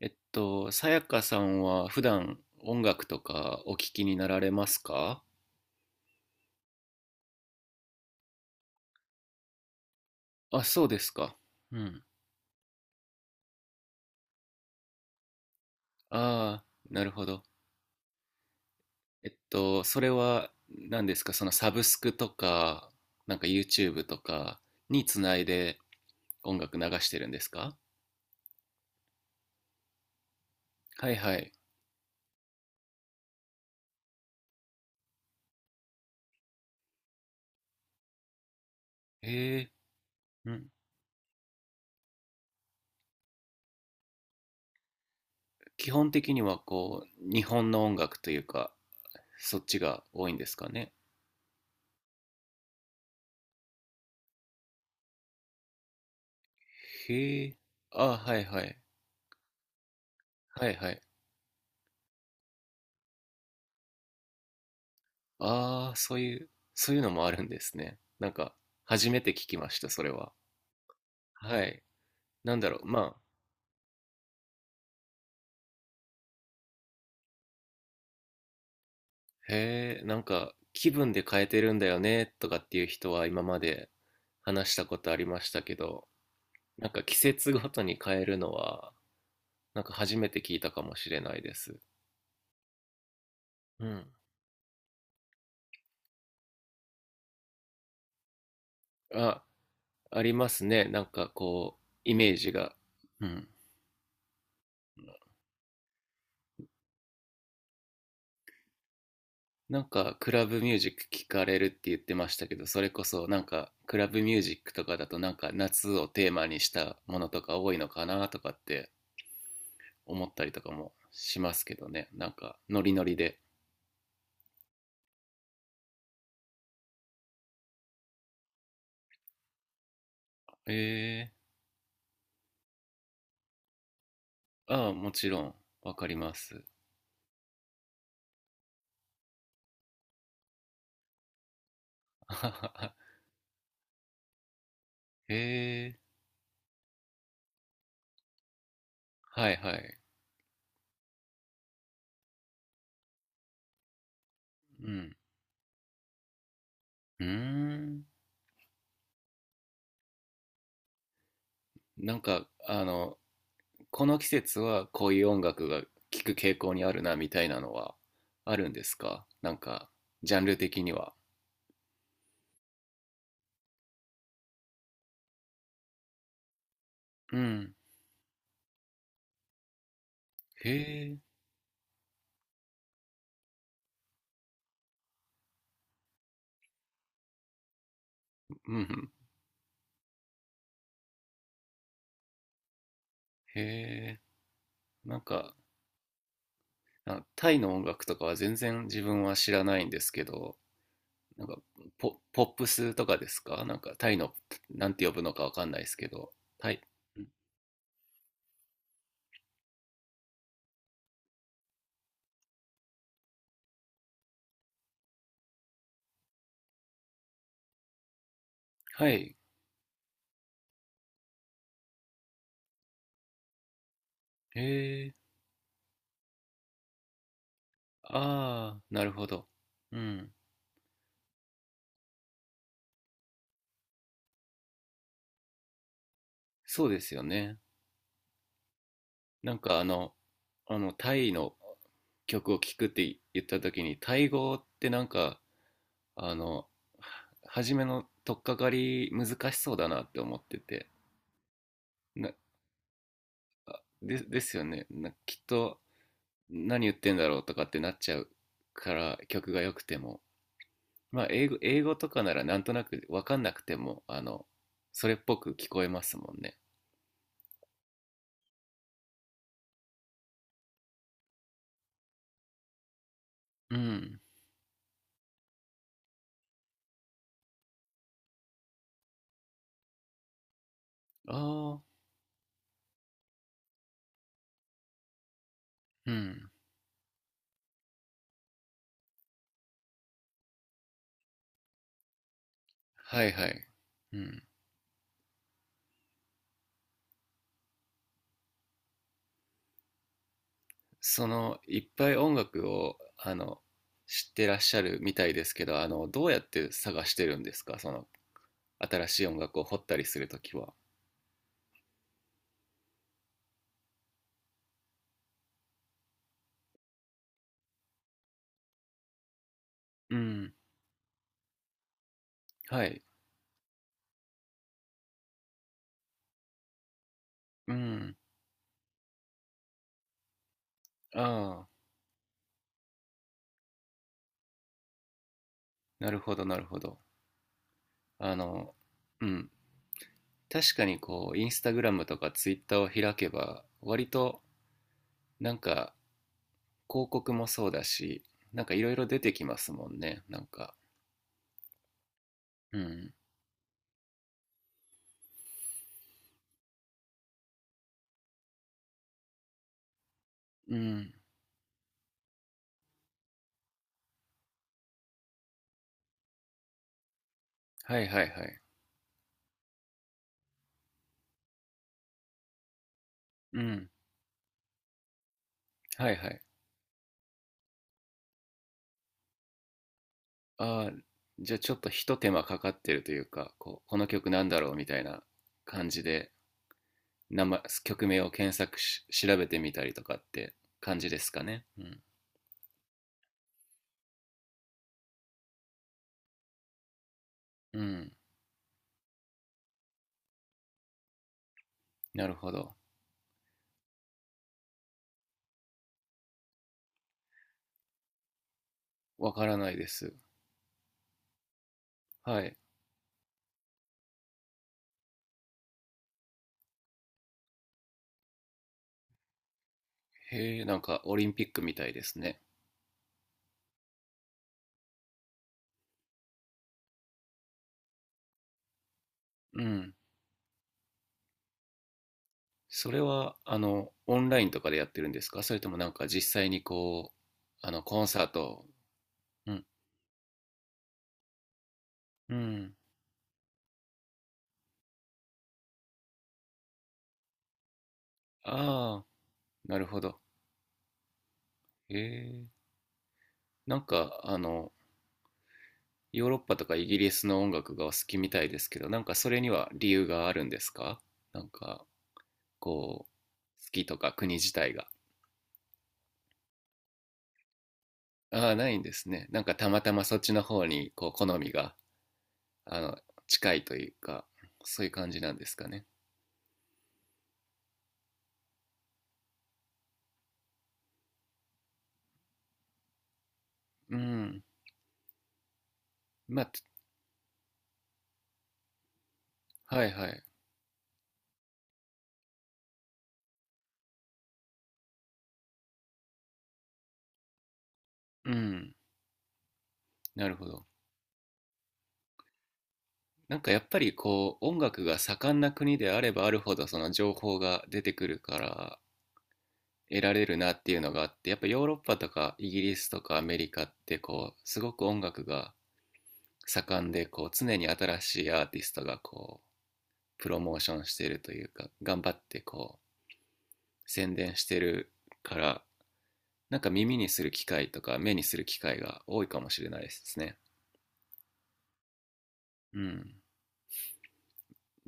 さやかさんは普段音楽とかお聞きになられますか？あ、そうですか。うん。ああ、なるほど。それは何ですか？そのサブスクとか、なんか YouTube とかにつないで音楽流してるんですか？はいはい。へえ、うん。基本的にはこう、日本の音楽というか、そっちが多いんですかね。へえ、ああ、はいはい。はいはい。ああ、そういうのもあるんですね。なんか、初めて聞きました、それは。はい。なんだろう、まあ、へえ、なんか、気分で変えてるんだよね、とかっていう人は今まで話したことありましたけど、なんか季節ごとに変えるのは、なんか初めて聞いたかもしれないです。うん。あ、ありますね。なんかこう、イメージが。うん。なんかクラブミュージック聞かれるって言ってましたけど、それこそなんかクラブミュージックとかだとなんか夏をテーマにしたものとか多いのかなとかって思ったりとかもしますけどね。なんかノリノリで。えー、ああ、もちろんわかります。えー、はいはい。うん。うーん。なんかあの、この季節はこういう音楽が聴く傾向にあるなみたいなのはあるんですか？なんかジャンル的には。うん。へえ。うんうん。へえ。なんか、あ、タイの音楽とかは全然自分は知らないんですけど、なんかポップスとかですか？なんかタイの、なんて呼ぶのかわかんないですけど。タイ。うん、はい。へえ。ああ、なるほど。うん。そうですよね。なんかタイの曲を聴くって言った時に、タイ語ってなんか、あの、は初めの取っかかり難しそうだなって思ってて。な、でですよね、な、きっと。何言ってんだろうとかってなっちゃうから、曲が良くても、まあ英語とかならなんとなく分かんなくても、それっぽく聞こえますもんね。うん。ああ。うん。はいはい。うん。その、いっぱい音楽を知ってらっしゃるみたいですけど、どうやって探してるんですか？その新しい音楽を掘ったりするときは。うん。はい。うん。ああ、なるほど、なるほど。あの、うん。確かにこう、インスタグラムとかツイッターを開けば、割となんか広告もそうだし、なんかいろいろ出てきますもんね。なんか、うん、うん、はいはいはい、うん、はいはい。ああ、じゃあちょっとひと手間かかってるというか、こう、この曲なんだろうみたいな感じで、名前、曲名を検索し、調べてみたりとかって感じですかね。うん、うん、なるほど。わからないです。はい。へえ、なんかオリンピックみたいですね。うん。それは、オンラインとかでやってるんですか？それともなんか実際にこう、コンサート。うん。うん。ああ、なるほど。へえ。なんか、ヨーロッパとかイギリスの音楽がお好きみたいですけど、なんかそれには理由があるんですか？なんか、こう、好きとか国自体が。ああ、ないんですね。なんかたまたまそっちの方に、こう、好みが、あの、近いというか、そういう感じなんですかね。うん。まあ、はいはい。うん。なるほど。なんかやっぱりこう音楽が盛んな国であればあるほど、その情報が出てくるから得られるなっていうのがあって、やっぱヨーロッパとかイギリスとかアメリカってこうすごく音楽が盛んで、こう常に新しいアーティストがこうプロモーションしてるというか、頑張ってこう宣伝してるから、なんか耳にする機会とか目にする機会が多いかもしれないですね。うん。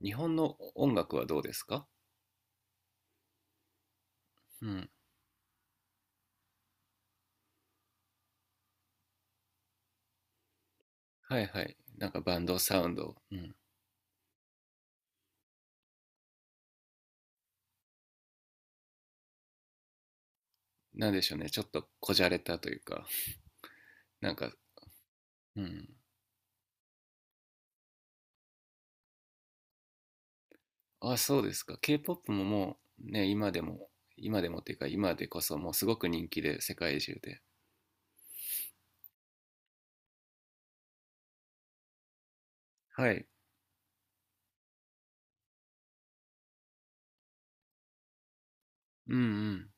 日本の音楽はどうですか？うん。はいはい。なんかバンドサウンド。うん。なんでしょうね。ちょっとこじゃれたというか。なんか、うん。あ、そうですか。K-POP ももうね、今でもっていうか、今でこそもうすごく人気で、世界中で。はい。うんうん。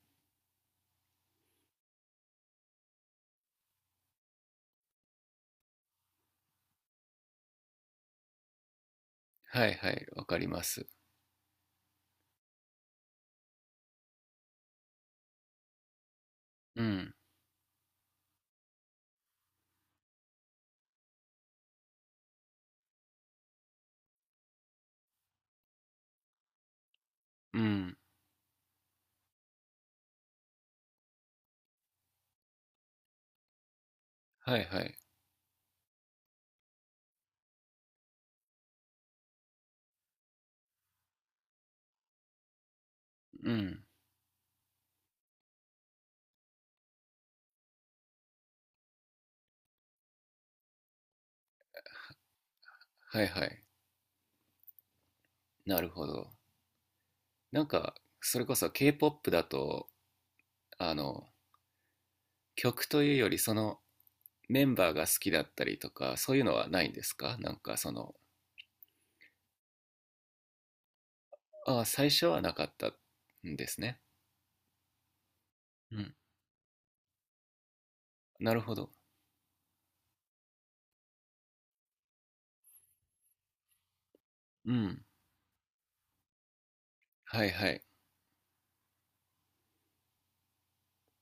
はいはい。わかります。うん。うん。はいはい。うん。はいはい。なるほど。なんか、それこそ K-POP だと、あの、曲というより、その、メンバーが好きだったりとか、そういうのはないんですか？なんかその、ああ、最初はなかったんですね。うん。なるほど。うん。はいはい。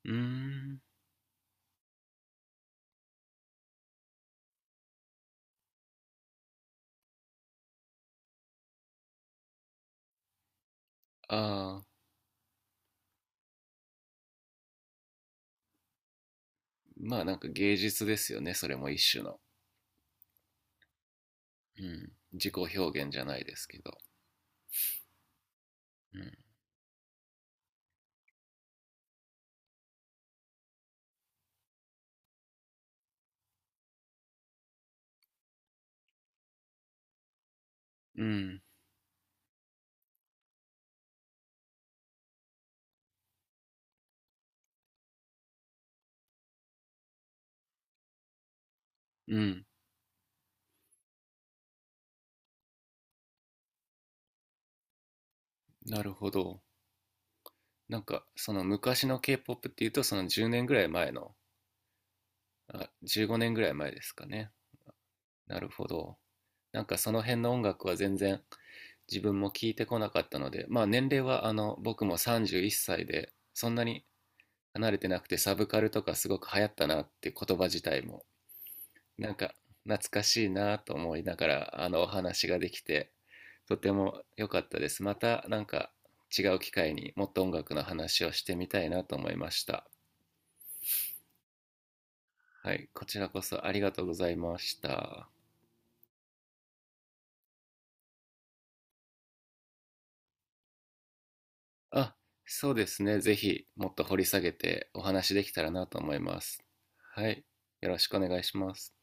うーん。ああ、まあなんか芸術ですよね。それも一種の。うん。自己表現じゃないですけど。うん。うん。うん。なるほど。なんかその昔の K-POP っていうと、その10年ぐらい前の、あ、15年ぐらい前ですかね。なるほど。なんかその辺の音楽は全然自分も聞いてこなかったので、まあ年齢は僕も31歳で、そんなに離れてなくて、サブカルとかすごく流行ったなって言葉自体も、なんか懐かしいなと思いながら、お話ができて、とても良かったです。またなんか違う機会にもっと音楽の話をしてみたいなと思いました。はい、こちらこそありがとうございました。あ、そうですね。ぜひもっと掘り下げてお話できたらなと思います。はい、よろしくお願いします。